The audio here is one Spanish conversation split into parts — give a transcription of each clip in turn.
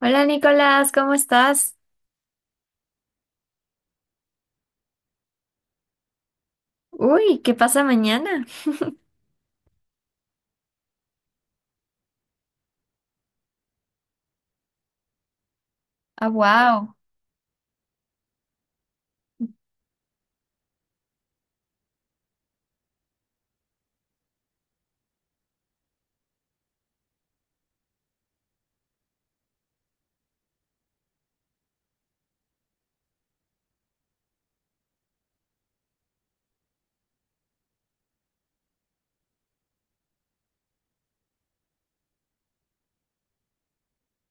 Hola Nicolás, ¿cómo estás? Uy, ¿qué pasa mañana? Ah, wow.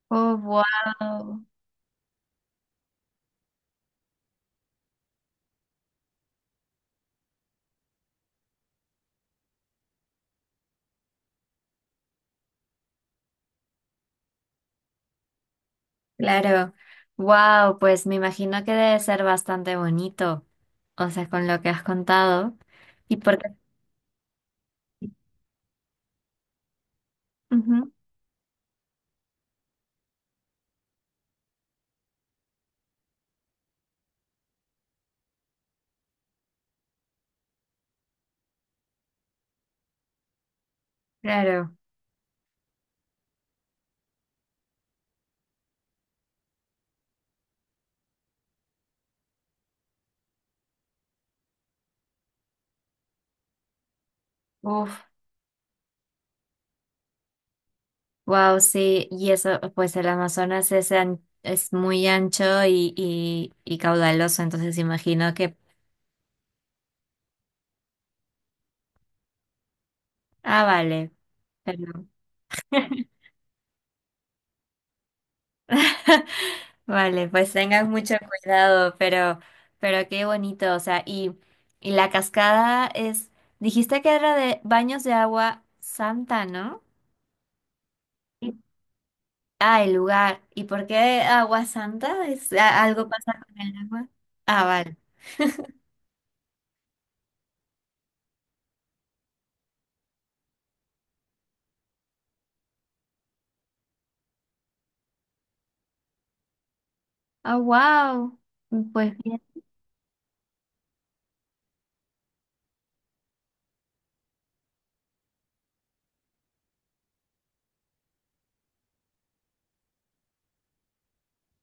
Oh, wow. Claro. Wow, pues me imagino que debe ser bastante bonito, o sea, con lo que has contado. Y porque ujú, claro. Uf, wow, sí. Y eso, pues el Amazonas es, es muy ancho y, y caudaloso, entonces imagino que. Ah, vale. Perdón. Vale, pues tengan mucho cuidado, pero qué bonito, o sea, y la cascada es, dijiste que era de Baños de Agua Santa, ¿no? Sí. Ah, el lugar. ¿Y por qué agua santa? ¿Es algo pasa con el agua? Ah, vale. Ah, wow. Pues bien.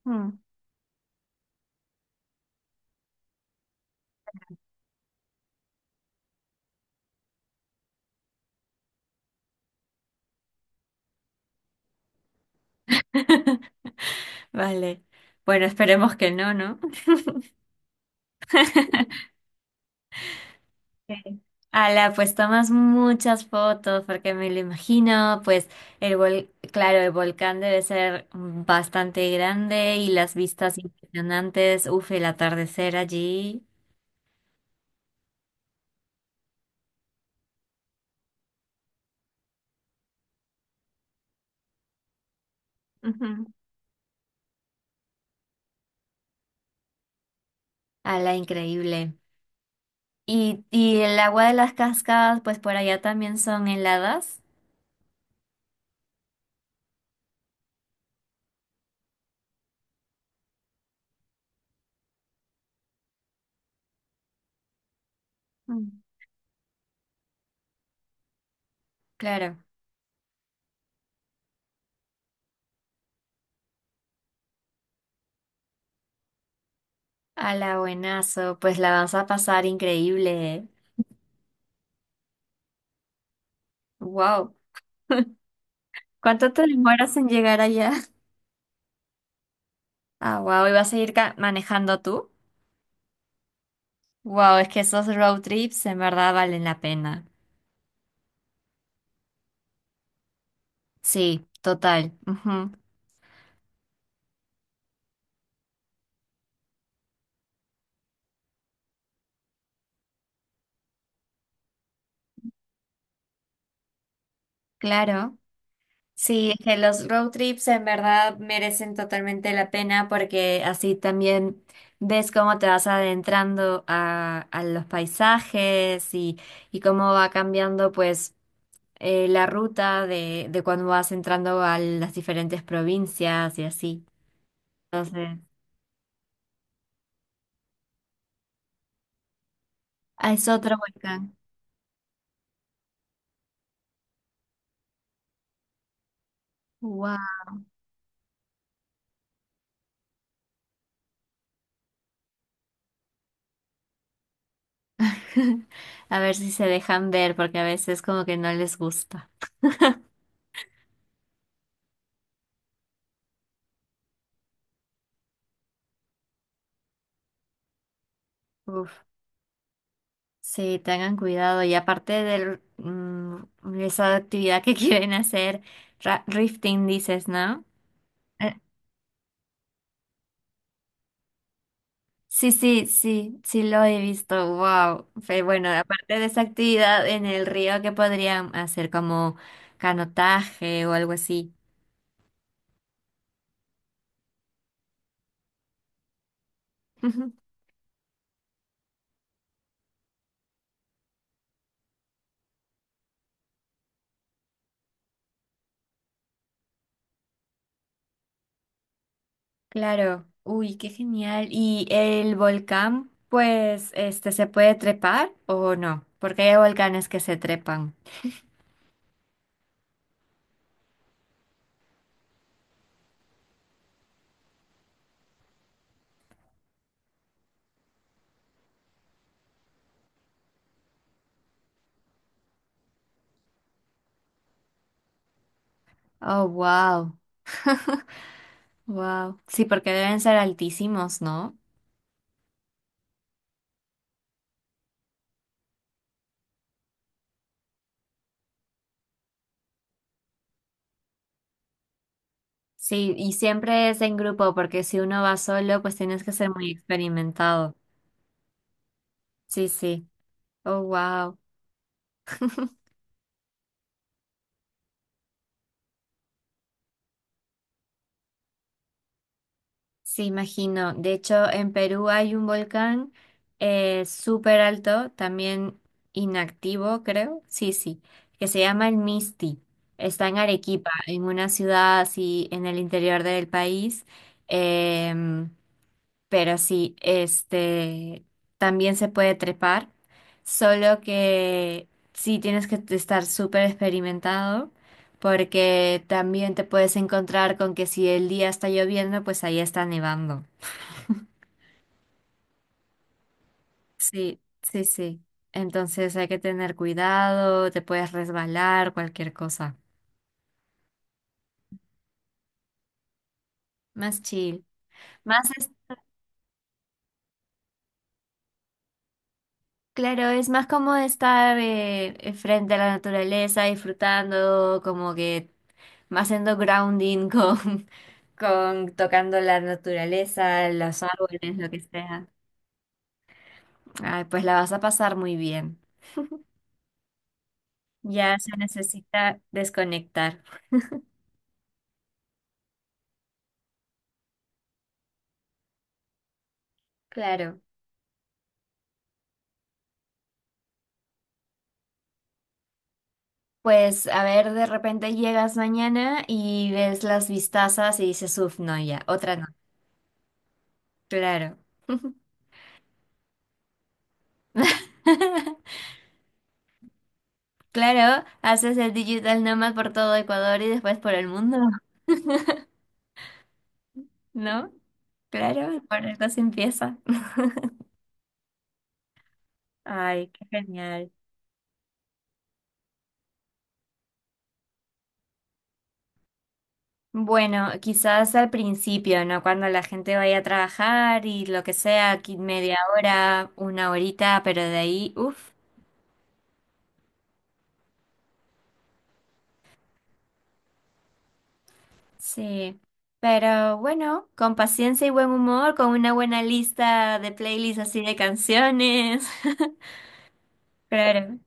Mm. Vale. Bueno, esperemos que no, ¿no? Sí. Ala, pues tomas muchas fotos porque me lo imagino, pues el claro, el volcán debe ser bastante grande y las vistas impresionantes, uf, el atardecer allí. Ujú. Ala, increíble. Y el agua de las cascadas, pues por allá también son heladas. Mm. Claro. Ala, buenazo, pues la vas a pasar increíble, wow. ¿Cuánto te demoras en llegar allá? Ah, wow, ¿y vas a ir manejando tú? Wow, es que esos road trips en verdad valen la pena. Sí, total. Ujú. Claro. Sí, es que los road trips en verdad merecen totalmente la pena porque así también ves cómo te vas adentrando a los paisajes y cómo va cambiando pues la ruta de cuando vas entrando a las diferentes provincias y así. Entonces, ah, es otro volcán. A ver si se dejan ver, porque a veces como que no les gusta. Uf. Sí, tengan cuidado. Y aparte de esa actividad que quieren hacer, rifting dices, ¿no? Eh, sí, sí, sí, sí lo he visto. Wow. Pero bueno, aparte de esa actividad en el río, ¿qué podrían hacer como canotaje o algo así? Claro, uy, qué genial. ¿Y el volcán, pues, este, se puede trepar o no? Porque hay volcanes que se trepan. Oh, wow, wow. Sí, porque deben ser altísimos, ¿no? Sí, y siempre es en grupo, porque si uno va solo, pues tienes que ser muy experimentado. Sí, sí. Oh, wow. Sí, imagino. De hecho, en Perú hay un volcán súper alto, también inactivo, creo. Sí, sí, que se llama el Misti. Está en Arequipa, en una ciudad así en el interior del país. Em, pero sí, este también se puede trepar, solo que sí tienes que estar súper experimentado, porque también te puedes encontrar con que si el día está lloviendo, pues ahí está nevando. Sí, sí, sí. Entonces hay que tener cuidado, te puedes resbalar, cualquier cosa. Más chill. Más es- claro, es más como estar frente a la naturaleza, disfrutando, como que más haciendo grounding con con tocando la naturaleza, los árboles, lo que sea. Ay, pues la vas a pasar muy bien. Ya se necesita desconectar. Claro. Pues a ver, de repente llegas mañana y ves las vistazas y dices, uff, no, ya, otra no. Claro. Claro, haces el digital nomad por todo Ecuador y después por el mundo, ¿no? Claro, por algo se empieza. Ay, qué genial. Bueno, quizás al principio, ¿no? Cuando la gente vaya a trabajar y lo que sea, aquí media hora, una horita, pero de ahí, uff, sí. Pero bueno, con paciencia y buen humor, con una buena lista de playlists así de canciones. Claro.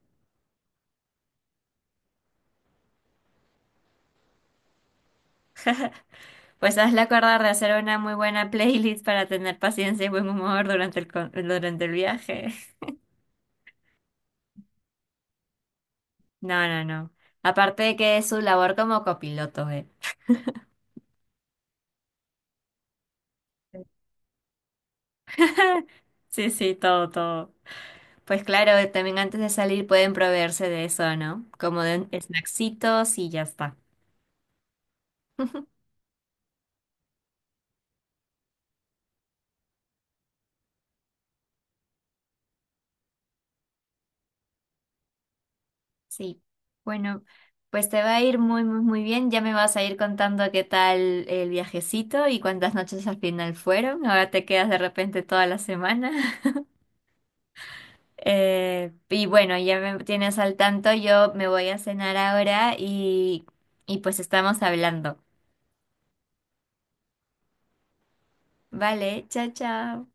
Pues hazle acordar de hacer una muy buena playlist para tener paciencia y buen humor durante el, durante el viaje. No, no, no. Aparte de que es su labor como copiloto, ¿eh? Sí, sí, todo, todo. Pues claro, también antes de salir pueden proveerse de eso, ¿no? Como de snacksitos y ya está. Sí. Bueno, pues te va a ir muy, muy, muy bien. Ya me vas a ir contando qué tal el viajecito y cuántas noches al final fueron. Ahora te quedas de repente toda la semana. Y bueno, ya me tienes al tanto. Yo me voy a cenar ahora y pues estamos hablando. Vale, chao, chao.